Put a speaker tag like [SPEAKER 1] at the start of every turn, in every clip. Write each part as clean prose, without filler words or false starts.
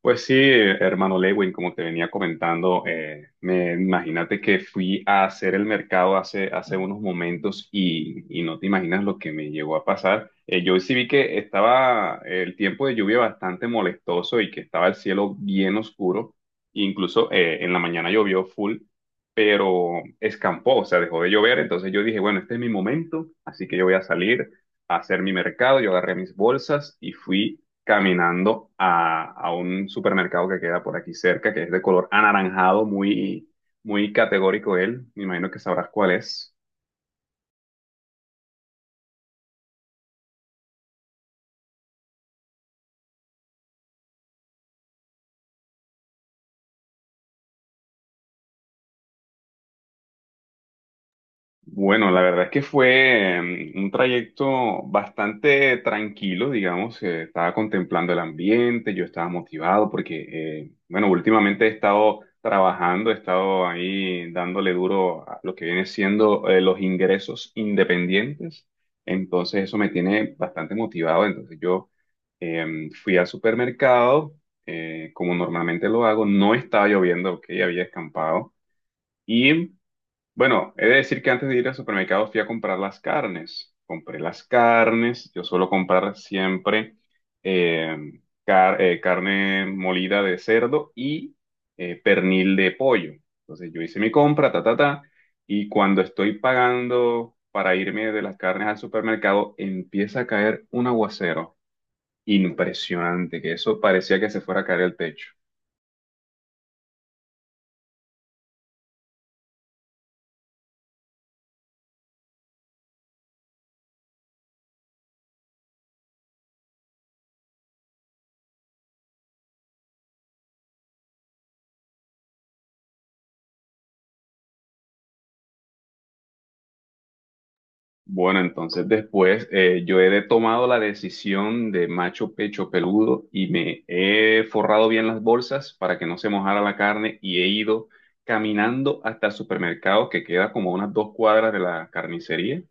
[SPEAKER 1] Pues sí, hermano Lewin, como te venía comentando, me imagínate que fui a hacer el mercado hace unos momentos y no te imaginas lo que me llegó a pasar. Yo sí vi que estaba el tiempo de lluvia bastante molestoso y que estaba el cielo bien oscuro. Incluso en la mañana llovió full, pero escampó, o sea, dejó de llover. Entonces yo dije, bueno, este es mi momento, así que yo voy a salir a hacer mi mercado. Yo agarré mis bolsas y fui caminando a un supermercado que queda por aquí cerca, que es de color anaranjado, muy categórico él. Me imagino que sabrás cuál es. Bueno, la verdad es que fue un trayecto bastante tranquilo, digamos. Eh, estaba contemplando el ambiente, yo estaba motivado porque, bueno, últimamente he estado trabajando, he estado ahí dándole duro a lo que viene siendo los ingresos independientes. Entonces eso me tiene bastante motivado. Entonces yo fui al supermercado, como normalmente lo hago, no estaba lloviendo, ok, había escampado. Y bueno, he de decir que antes de ir al supermercado fui a comprar las carnes. Compré las carnes. Yo suelo comprar siempre eh, carne molida de cerdo y pernil de pollo. Entonces yo hice mi compra, ta, ta, ta. Y cuando estoy pagando para irme de las carnes al supermercado, empieza a caer un aguacero. Impresionante, que eso parecía que se fuera a caer el techo. Bueno, entonces después yo he tomado la decisión de macho pecho peludo y me he forrado bien las bolsas para que no se mojara la carne y he ido caminando hasta el supermercado que queda como a unas dos cuadras de la carnicería.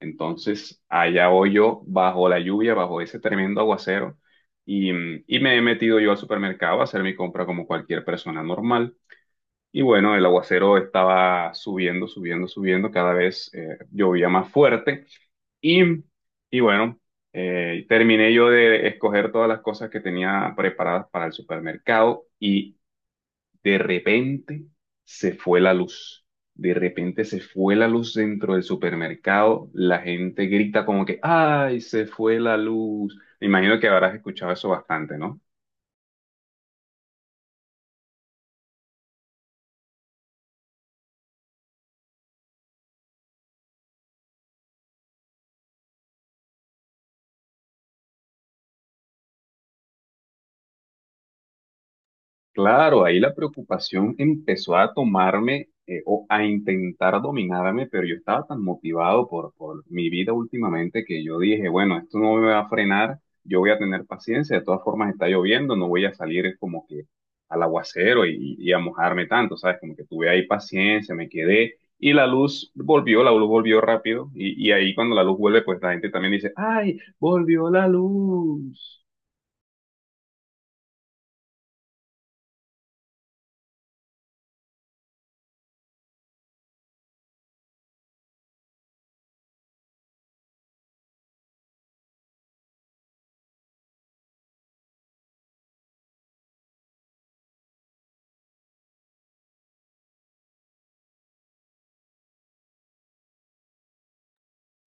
[SPEAKER 1] Entonces allá voy yo bajo la lluvia, bajo ese tremendo aguacero y, y me he metido yo al supermercado a hacer mi compra como cualquier persona normal. Y bueno, el aguacero estaba subiendo, subiendo, subiendo, cada vez llovía más fuerte. Y, y bueno, terminé yo de escoger todas las cosas que tenía preparadas para el supermercado y de repente se fue la luz. De repente se fue la luz dentro del supermercado. La gente grita como que, ¡ay, se fue la luz! Me imagino que habrás escuchado eso bastante, ¿no? Claro, ahí la preocupación empezó a tomarme o a intentar dominarme, pero yo estaba tan motivado por mi vida últimamente que yo dije, bueno, esto no me va a frenar, yo voy a tener paciencia, de todas formas está lloviendo, no voy a salir como que al aguacero y a mojarme tanto, ¿sabes? Como que tuve ahí paciencia, me quedé y la luz volvió rápido y ahí cuando la luz vuelve, pues la gente también dice, ¡ay, volvió la luz!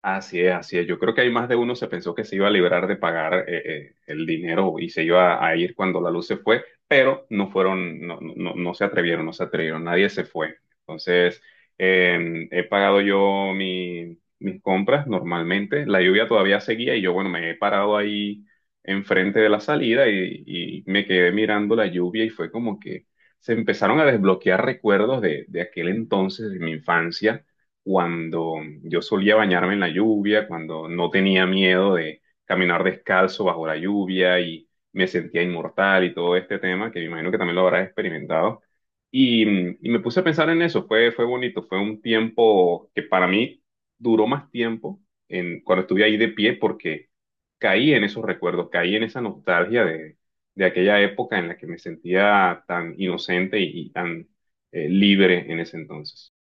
[SPEAKER 1] Así es, así es. Yo creo que hay más de uno se pensó que se iba a librar de pagar el dinero y se iba a ir cuando la luz se fue, pero no fueron, no, no no se atrevieron, no se atrevieron, nadie se fue. Entonces, he pagado yo mis compras normalmente. La lluvia todavía seguía y yo, bueno, me he parado ahí enfrente de la salida y me quedé mirando la lluvia y fue como que se empezaron a desbloquear recuerdos de aquel entonces, de mi infancia cuando yo solía bañarme en la lluvia, cuando no tenía miedo de caminar descalzo bajo la lluvia y me sentía inmortal y todo este tema, que me imagino que también lo habrás experimentado. Y, y me puse a pensar en eso, fue bonito, fue un tiempo que para mí duró más tiempo en, cuando estuve ahí de pie porque caí en esos recuerdos, caí en esa nostalgia de aquella época en la que me sentía tan inocente y tan libre en ese entonces.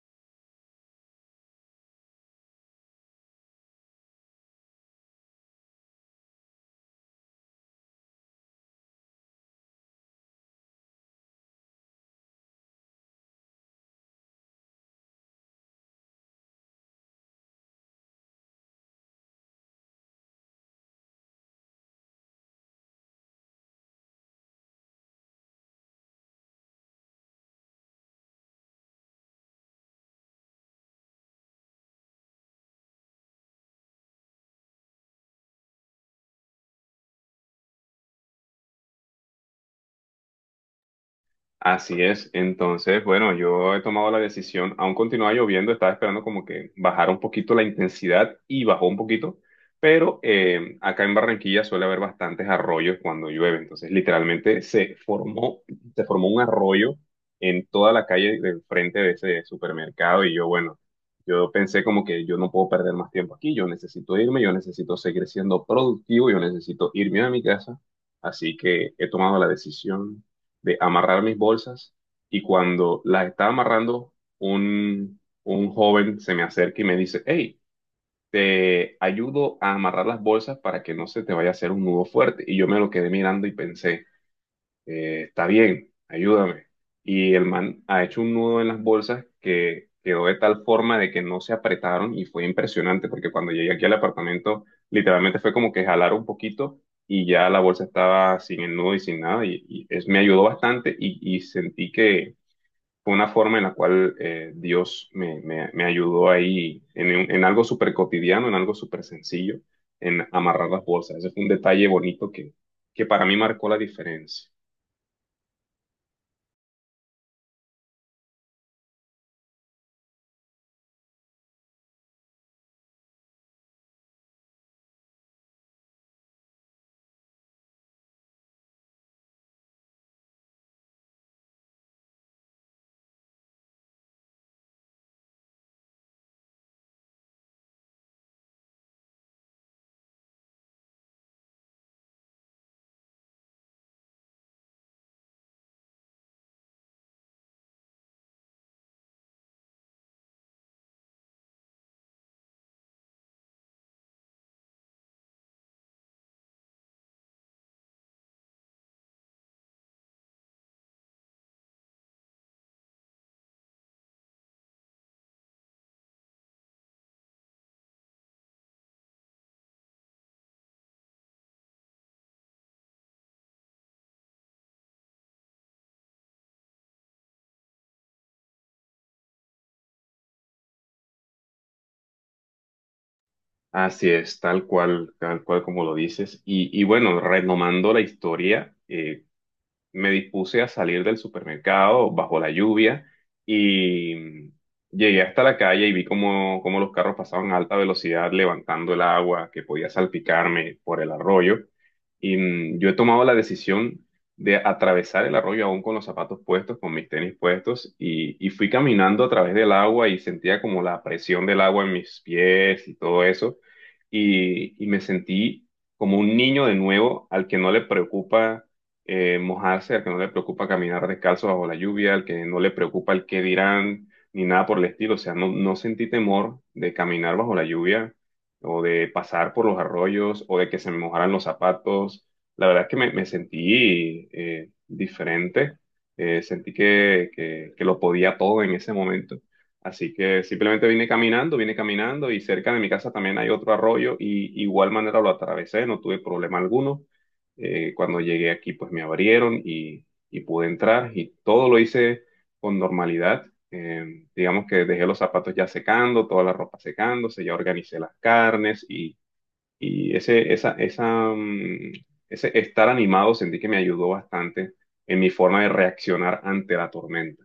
[SPEAKER 1] Así es. Entonces, bueno, yo he tomado la decisión, aún continuaba lloviendo, estaba esperando como que bajara un poquito la intensidad y bajó un poquito, pero acá en Barranquilla suele haber bastantes arroyos cuando llueve. Entonces, literalmente se formó un arroyo en toda la calle del frente de ese supermercado y yo, bueno, yo pensé como que yo no puedo perder más tiempo aquí, yo necesito irme, yo necesito seguir siendo productivo, yo necesito irme a mi casa. Así que he tomado la decisión de amarrar mis bolsas y cuando las estaba amarrando, un joven se me acerca y me dice, hey, te ayudo a amarrar las bolsas para que no se te vaya a hacer un nudo fuerte. Y yo me lo quedé mirando y pensé, está bien, ayúdame. Y el man ha hecho un nudo en las bolsas que quedó de tal forma de que no se apretaron y fue impresionante porque cuando llegué aquí al apartamento literalmente fue como que jalar un poquito y ya la bolsa estaba sin el nudo y sin nada y es, me ayudó bastante y sentí que fue una forma en la cual Dios me ayudó ahí en en algo súper cotidiano, en algo súper sencillo, en amarrar las bolsas. Ese fue un detalle bonito que para mí marcó la diferencia. Así es, tal cual como lo dices. Y bueno, retomando la historia, me dispuse a salir del supermercado bajo la lluvia y llegué hasta la calle y vi cómo, cómo los carros pasaban a alta velocidad levantando el agua que podía salpicarme por el arroyo. Y yo he tomado la decisión de atravesar el arroyo aún con los zapatos puestos, con mis tenis puestos, y fui caminando a través del agua y sentía como la presión del agua en mis pies y todo eso. Y me sentí como un niño de nuevo al que no le preocupa mojarse, al que no le preocupa caminar descalzo bajo la lluvia, al que no le preocupa el qué dirán, ni nada por el estilo. O sea, no, no sentí temor de caminar bajo la lluvia o de pasar por los arroyos o de que se me mojaran los zapatos. La verdad es que me sentí diferente, sentí que lo podía todo en ese momento. Así que simplemente vine caminando y cerca de mi casa también hay otro arroyo y igual manera lo atravesé, no tuve problema alguno. Cuando llegué aquí pues me abrieron y pude entrar y todo lo hice con normalidad. Digamos que dejé los zapatos ya secando, toda la ropa secándose, ya organicé las carnes y ese, esa, esa, mm, ese estar animado sentí que me ayudó bastante en mi forma de reaccionar ante la tormenta.